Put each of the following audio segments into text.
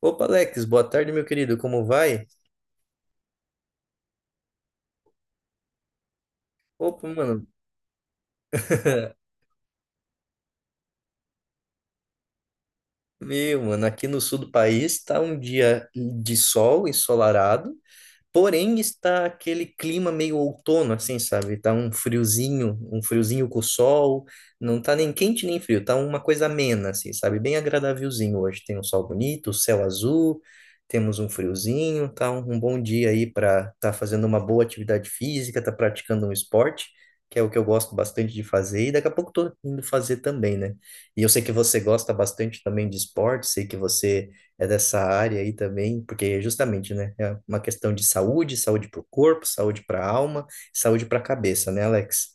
Opa, Alex, boa tarde, meu querido, como vai? Opa, mano, meu, mano, aqui no sul do país tá um dia de sol ensolarado, porém, está aquele clima meio outono, assim, sabe? Tá um friozinho com sol, não tá nem quente nem frio, tá uma coisa amena, assim, sabe? Bem agradávelzinho hoje. Tem um sol bonito, o céu azul, temos um friozinho, tá um bom dia aí para tá fazendo uma boa atividade física, tá praticando um esporte, que é o que eu gosto bastante de fazer, e daqui a pouco tô indo fazer também, né? E eu sei que você gosta bastante também de esporte, sei que você é dessa área aí também, porque é justamente, né, é uma questão de saúde, saúde para o corpo, saúde para a alma, saúde para a cabeça, né, Alex?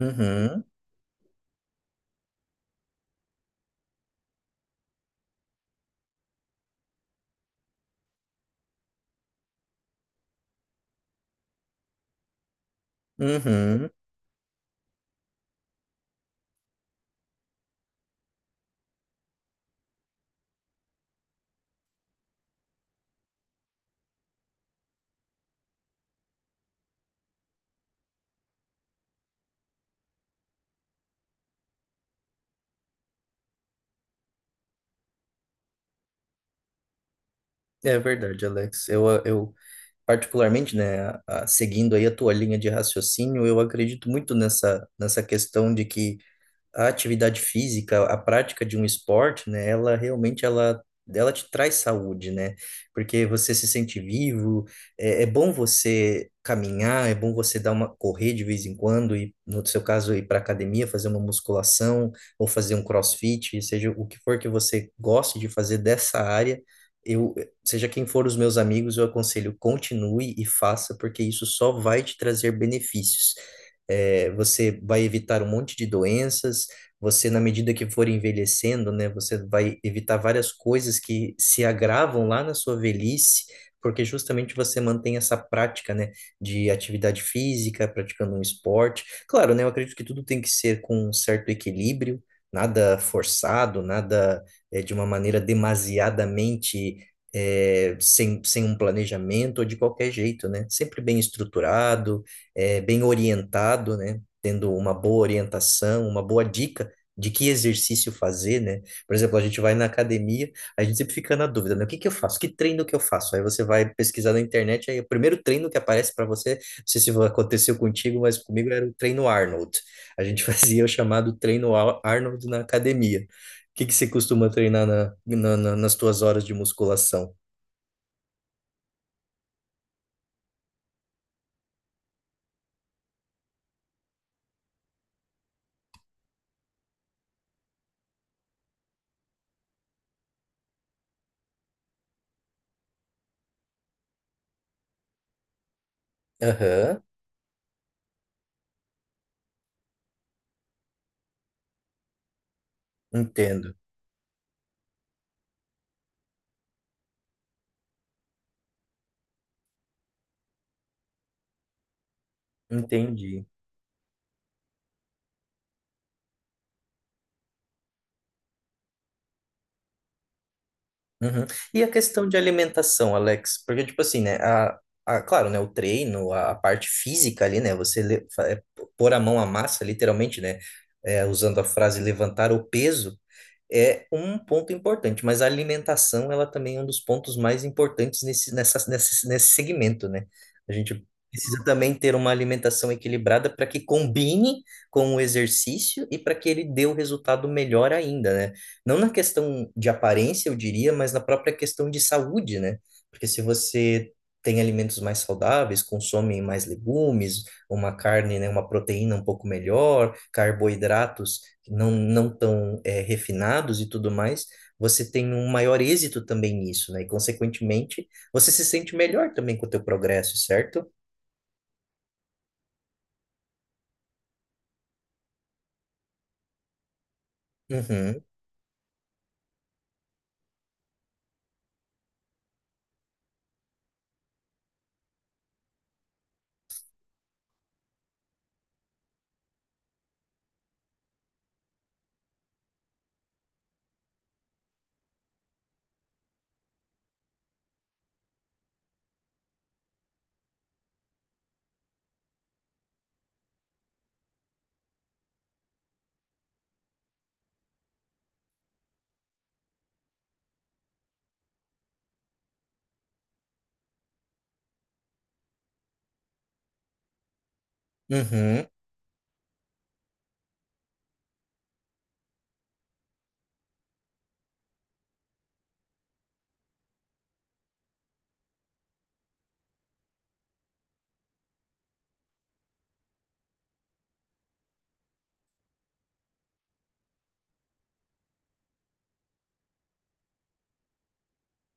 Uhum, uhum. É verdade, Alex. Eu particularmente, né, seguindo aí a tua linha de raciocínio, eu acredito muito nessa questão de que a atividade física, a prática de um esporte, né, ela realmente ela te traz saúde, né? Porque você se sente vivo, é bom você caminhar, é bom você dar uma correr de vez em quando e no seu caso ir para academia, fazer uma musculação ou fazer um CrossFit, seja o que for que você goste de fazer dessa área, eu, seja quem for os meus amigos, eu aconselho continue e faça, porque isso só vai te trazer benefícios. É, você vai evitar um monte de doenças, você, na medida que for envelhecendo, né, você vai evitar várias coisas que se agravam lá na sua velhice, porque justamente você mantém essa prática, né, de atividade física, praticando um esporte. Claro, né, eu acredito que tudo tem que ser com um certo equilíbrio, nada forçado, nada é, de uma maneira demasiadamente sem um planejamento ou de qualquer jeito, né? Sempre bem estruturado, bem orientado, né? Tendo uma boa orientação, uma boa dica de que exercício fazer, né? Por exemplo, a gente vai na academia, a gente sempre fica na dúvida, né? O que que eu faço? Que treino que eu faço? Aí você vai pesquisar na internet, aí o primeiro treino que aparece para você, não sei se aconteceu contigo, mas comigo era o treino Arnold. A gente fazia o chamado treino Arnold na academia. O que que você costuma treinar na, nas tuas horas de musculação? Aham, entendo. Entendi. Uhum. E a questão de alimentação, Alex? Porque, tipo assim, né? A, claro, né? O treino, a parte física ali, né? Você le- fa- é, pôr a mão à massa, literalmente, né? Usando a frase levantar o peso, é um ponto importante, mas a alimentação, ela também é um dos pontos mais importantes nesse segmento, né? A gente precisa também ter uma alimentação equilibrada para que combine com o exercício e para que ele dê o resultado melhor ainda, né? Não na questão de aparência, eu diria, mas na própria questão de saúde, né? Porque se você tem alimentos mais saudáveis, consome mais legumes, uma carne, né, uma proteína um pouco melhor, carboidratos não tão refinados e tudo mais, você tem um maior êxito também nisso, né? E, consequentemente, você se sente melhor também com o teu progresso, certo? Uhum, uhum,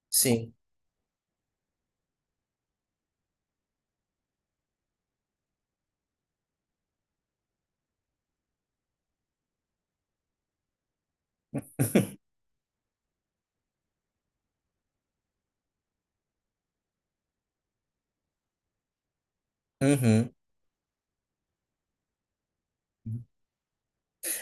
sim. Uhum.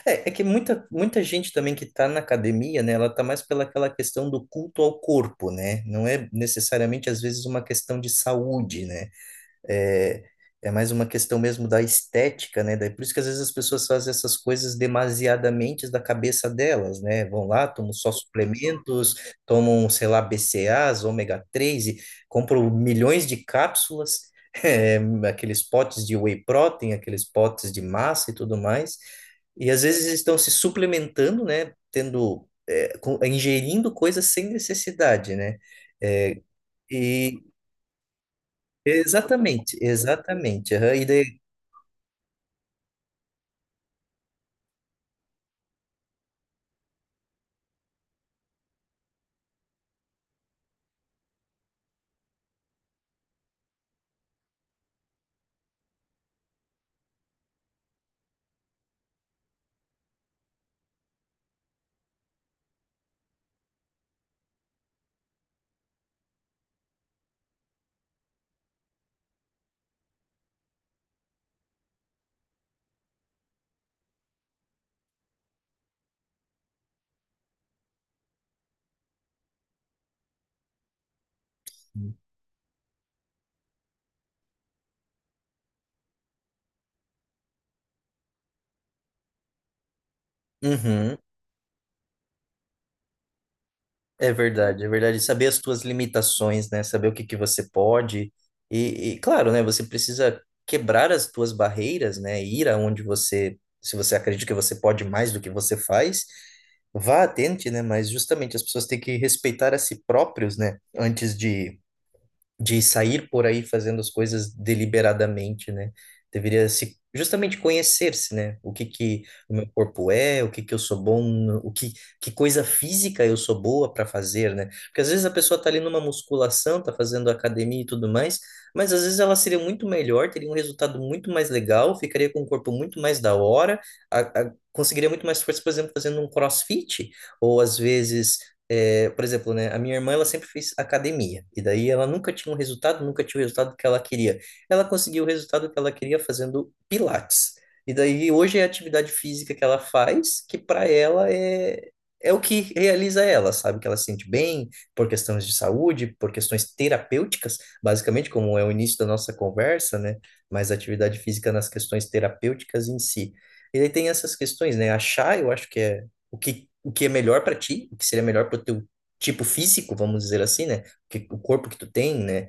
É, é que muita gente também que está na academia, né, ela está mais pela aquela questão do culto ao corpo, né? Não é necessariamente, às vezes, uma questão de saúde, né? É, é mais uma questão mesmo da estética, né? Daí por isso que às vezes as pessoas fazem essas coisas demasiadamente da cabeça delas, né? Vão lá, tomam só suplementos, tomam, sei lá, BCAAs, ômega 3 e compram milhões de cápsulas, eh, aqueles potes de whey protein, aqueles potes de massa e tudo mais. E às vezes estão se suplementando, né? Tendo, ingerindo coisas sem necessidade, né? Eh, e exatamente, exatamente. Aham, e daí, uhum, é verdade, é verdade. Saber as tuas limitações, né? Saber o que que você pode. E, claro, né? Você precisa quebrar as tuas barreiras, né? Ir aonde você, se você acredita que você pode mais do que você faz, vá, tente, né? Mas justamente as pessoas têm que respeitar a si próprios, né? Antes De sair por aí fazendo as coisas deliberadamente, né? Deveria se justamente conhecer-se, né? O que que o meu corpo é, o que que eu sou bom, o que que coisa física eu sou boa para fazer, né? Porque às vezes a pessoa tá ali numa musculação, tá fazendo academia e tudo mais, mas às vezes ela seria muito melhor, teria um resultado muito mais legal, ficaria com um corpo muito mais da hora, conseguiria muito mais força, por exemplo, fazendo um CrossFit, ou às vezes por exemplo, né, a minha irmã ela sempre fez academia e daí ela nunca tinha um resultado, nunca tinha o resultado que ela queria. Ela conseguiu o resultado que ela queria fazendo pilates. E daí hoje é a atividade física que ela faz, que para ela é o que realiza ela, sabe? Que ela se sente bem por questões de saúde, por questões terapêuticas, basicamente, como é o início da nossa conversa, né? Mas a atividade física nas questões terapêuticas em si. E aí tem essas questões, né? Achar, eu acho que é o que é melhor para ti, o que seria melhor para o teu tipo físico, vamos dizer assim, né? Que, o corpo que tu tem, né?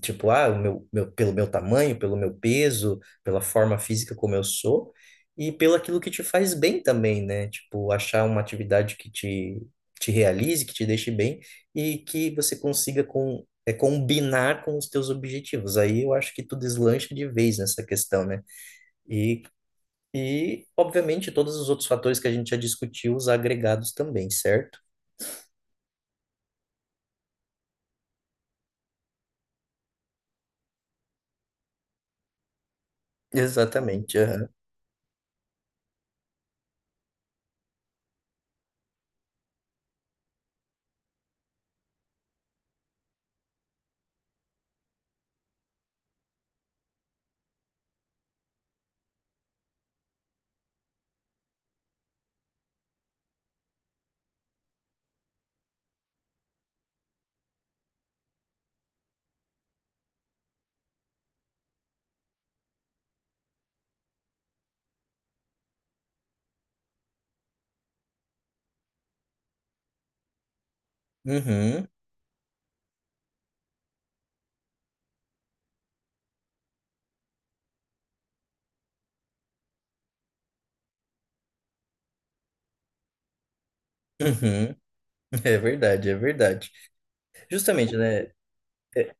Tipo, ah, pelo meu tamanho, pelo meu peso, pela forma física como eu sou, e pelo aquilo que te faz bem também, né? Tipo, achar uma atividade te realize, que te deixe bem e que você consiga combinar com os teus objetivos. Aí eu acho que tu deslancha de vez nessa questão, né? E e, obviamente, todos os outros fatores que a gente já discutiu, os agregados também, certo? Exatamente. Aham. Uhum, uhum. É verdade, é verdade. Justamente, né? é-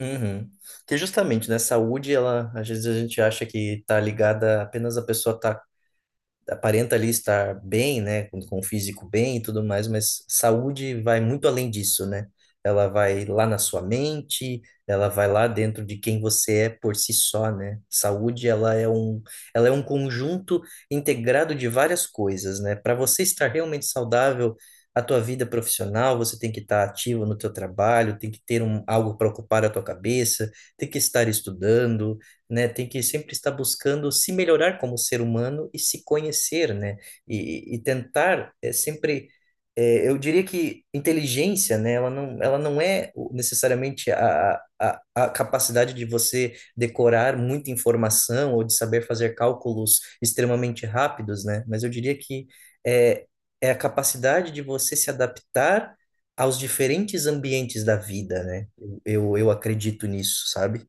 uhum. Que justamente, né? Saúde, ela, às vezes a gente acha que tá ligada apenas a pessoa tá aparenta ali estar bem, né, com o físico bem e tudo mais, mas saúde vai muito além disso, né? Ela vai lá na sua mente, ela vai lá dentro de quem você é por si só, né? Saúde, ela é um conjunto integrado de várias coisas, né? Para você estar realmente saudável, a tua vida profissional, você tem que estar ativo no teu trabalho, tem que ter um, algo para ocupar a tua cabeça, tem que estar estudando, né? Tem que sempre estar buscando se melhorar como ser humano e se conhecer, né? E tentar eu diria que inteligência, né? Ela não é necessariamente a capacidade de você decorar muita informação ou de saber fazer cálculos extremamente rápidos, né? Mas eu diria que é, é a capacidade de você se adaptar aos diferentes ambientes da vida, né? Eu acredito nisso, sabe?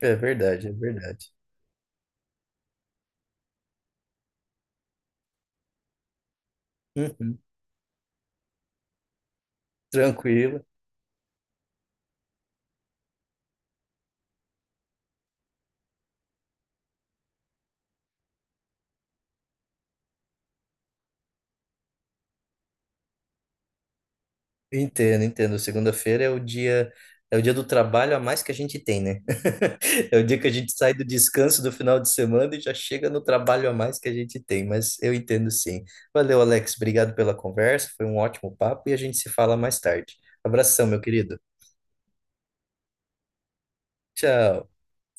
É verdade, é verdade. Uhum, tranquilo. Entendo, entendo. Segunda-feira é o dia do trabalho a mais que a gente tem, né? É o dia que a gente sai do descanso do final de semana e já chega no trabalho a mais que a gente tem, mas eu entendo sim. Valeu, Alex. Obrigado pela conversa. Foi um ótimo papo e a gente se fala mais tarde. Abração, meu querido. Tchau.